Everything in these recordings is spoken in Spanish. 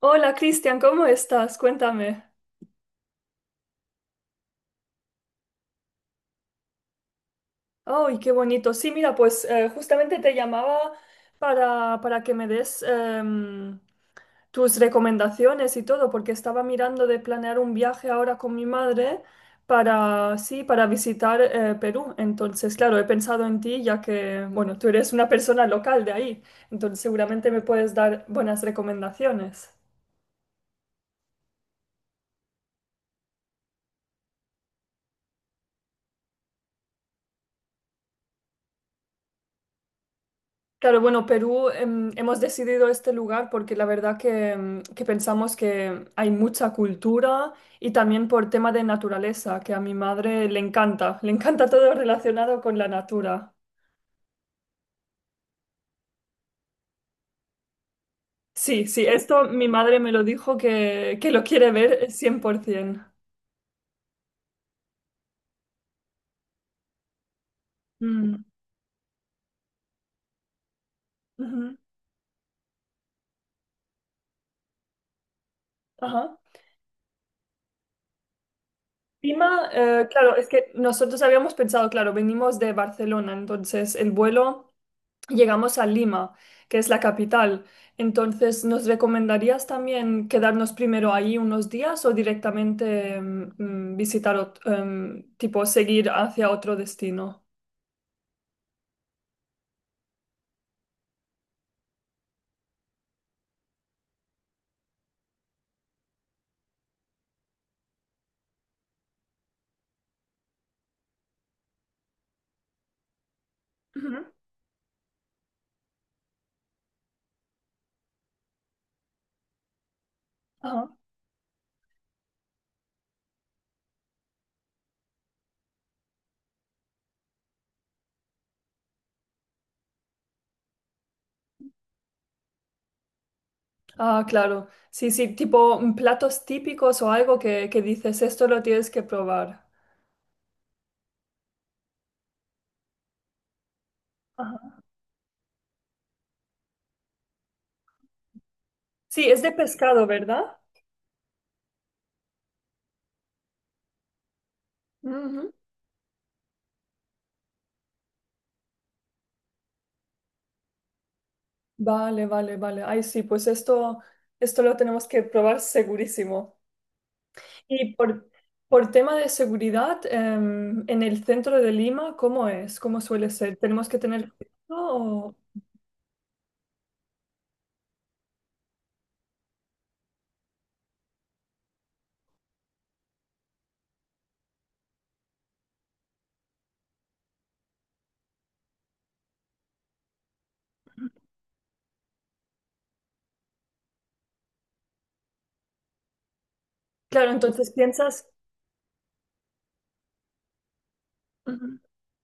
Hola, Cristian, ¿cómo estás? Cuéntame. Ay, qué bonito. Sí, mira, pues justamente te llamaba para que me des tus recomendaciones y todo, porque estaba mirando de planear un viaje ahora con mi madre para, sí, para visitar Perú. Entonces, claro, he pensado en ti, ya que, bueno, tú eres una persona local de ahí, entonces seguramente me puedes dar buenas recomendaciones. Claro, bueno, Perú, hemos decidido este lugar porque la verdad que, que pensamos que hay mucha cultura y también por tema de naturaleza, que a mi madre le encanta todo relacionado con la natura. Sí, sí, esto mi madre me lo dijo que lo quiere ver 100%. Mm, ujú, ajá. Lima, claro, es que nosotros habíamos pensado, claro, venimos de Barcelona, entonces el vuelo llegamos a Lima, que es la capital. Entonces, ¿nos recomendarías también quedarnos primero ahí unos días o directamente visitar, tipo, seguir hacia otro destino? Ujú. Ajá. Ah, claro. Sí, sí, tipo platos típicos o algo que dices, esto lo tienes que probar. Ajá. Sí, es de pescado, ¿verdad? Ujú. Vale, vale, vale. Ay, sí, pues esto lo tenemos que probar segurísimo. Y por tema de seguridad, en el centro de Lima, ¿cómo es? ¿Cómo suele ser? ¿Tenemos que tener cuidado? O- Claro, entonces piensas, ujú,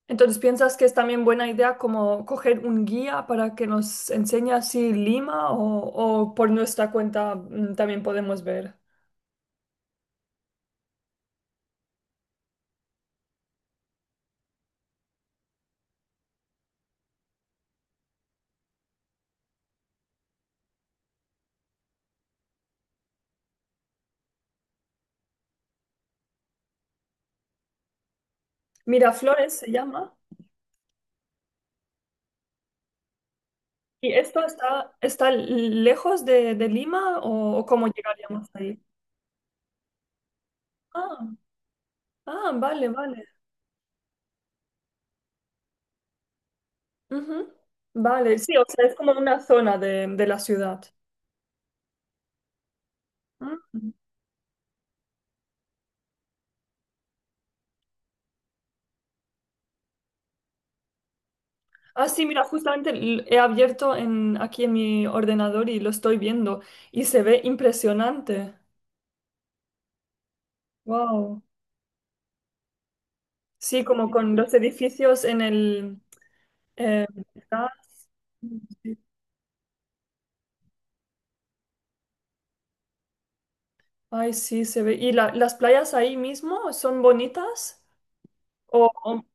entonces piensas que es también buena idea como coger un guía para que nos enseñe así Lima o por nuestra cuenta también podemos ver. Miraflores se llama. ¿Y esto está, está lejos de Lima, o cómo llegaríamos ahí? Ah, ah, vale, vale. Ujú. Vale, sí, o sea, es como una zona de la ciudad. Mm. Ah, sí, mira, justamente he abierto en, aquí en mi ordenador y lo estoy viendo y se ve impresionante. Wow. Sí, como con los edificios en el eh, gas. Sí. Ay, sí, se ve. ¿Y las playas ahí mismo son bonitas? O-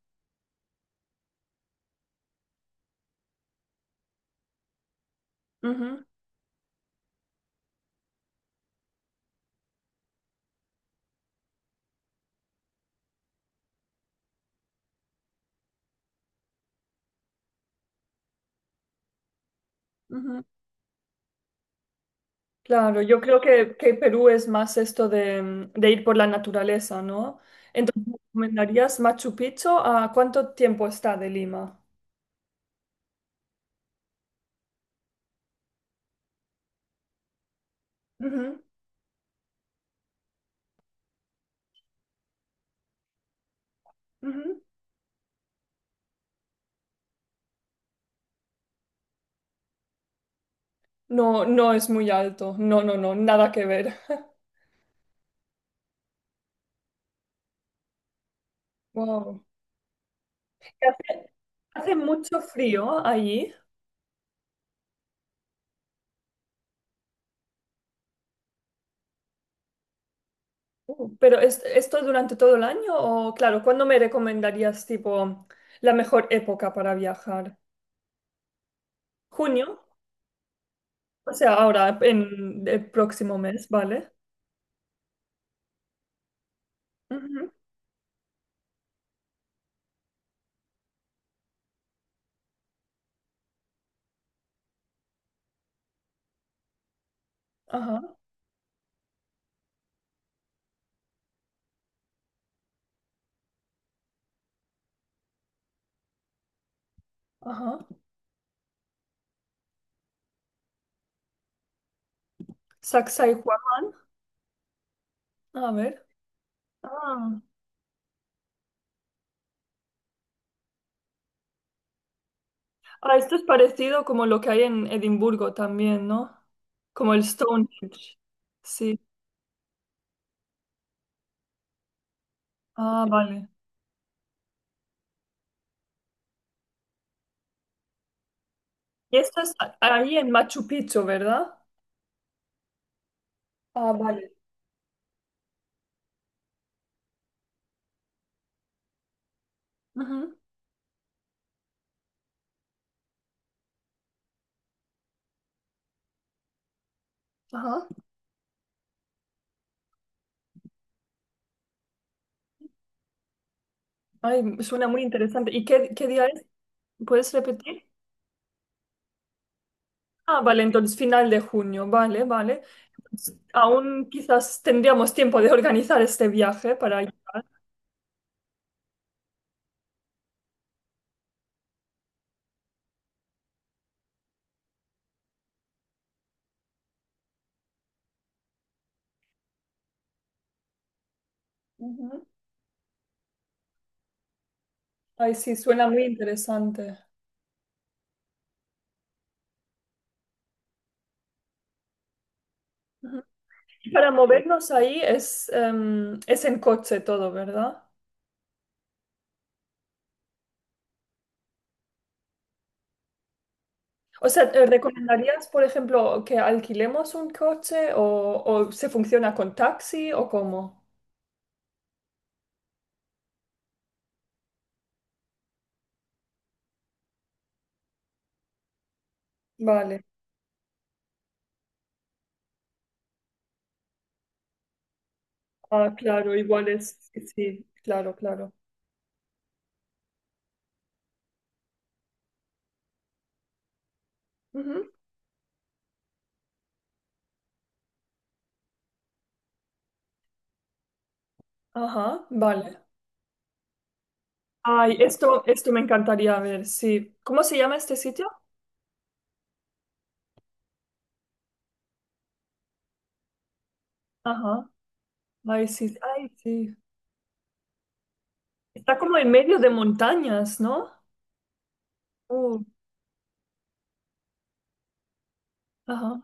ujú, ujú. Claro, yo creo que Perú es más esto de, de ir por la naturaleza, ¿no? Entonces, ¿me recomendarías Machu Picchu? ¿A cuánto tiempo está de Lima? Ujú, ujú. No, no es muy alto. No, no, no, nada que ver. Wow. ¿Hace, hace mucho frío allí? ¿Pero es, esto durante todo el año? O, claro, ¿cuándo me recomendarías, tipo, la mejor época para viajar? ¿Junio? O sea, ahora, en el próximo mes, ¿vale? Ujú, ajá. Ajá. Saxa y Juan. A ver. Ah. Ah, esto es parecido como lo que hay en Edimburgo también, ¿no? Como el Stonehenge. Sí. Ah, vale. ¿Y esto es ahí en Machu Picchu, ¿verdad? Ah, vale. Ujú. Ajá. Ay, suena muy interesante. ¿Y qué, qué día es? ¿Puedes repetir? Ah, vale, entonces final de junio. Vale, vale. Entonces, aún quizás tendríamos tiempo de organizar este viaje para ayudar. Ujú. Ay, sí, suena muy interesante. Para movernos ahí es, es en coche todo, ¿verdad? O sea, ¿te recomendarías, por ejemplo, que alquilemos un coche, o se funciona con taxi, o cómo? Vale. Ah, claro, igual es, sí, sí, claro, claro. Ujú. Ajá, vale. Ay, esto me encantaría ver, sí. ¿Cómo se llama este sitio? Ajá. Ay, sí, ay, sí. Está como en medio de montañas, ¿no? Uh, ajá.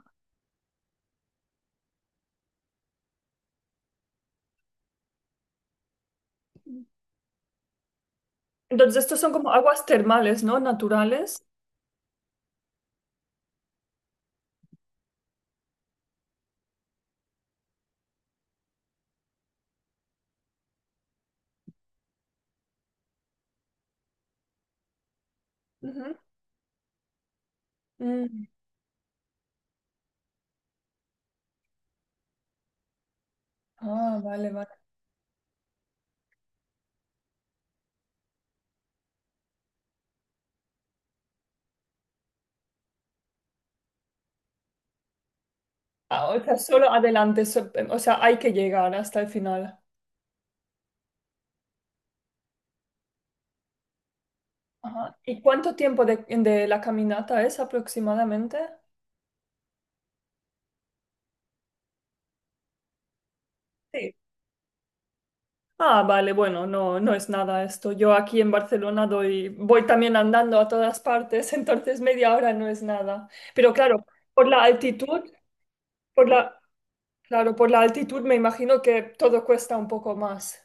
Entonces, estos son como aguas termales, ¿no? Naturales. Ujú. Mm. Ah, vale, vale. Ah, o sea, solo adelante, o sea, hay que llegar hasta el final. Ajá. ¿Y cuánto tiempo de la caminata es aproximadamente? Sí. Ah, vale, bueno, no, no es nada esto. Yo aquí en Barcelona doy, voy también andando a todas partes, entonces 1/2 hora no es nada. Pero claro, por la altitud, por la, claro, por la altitud me imagino que todo cuesta un poco más.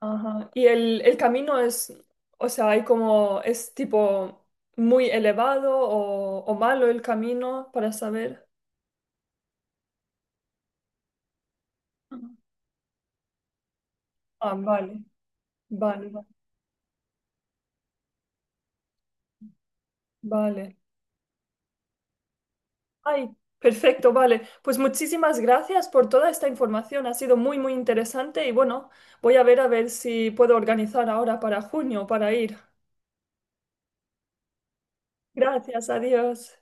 Ajá. Y el camino es, o sea, hay como, es tipo muy elevado, o malo el camino, para saber. Ujú. Ah, vale, vale, vale. Ay, perfecto, vale. Pues muchísimas gracias por toda esta información. Ha sido muy, muy interesante y bueno, voy a ver, a ver si puedo organizar ahora para junio para ir. Gracias, adiós.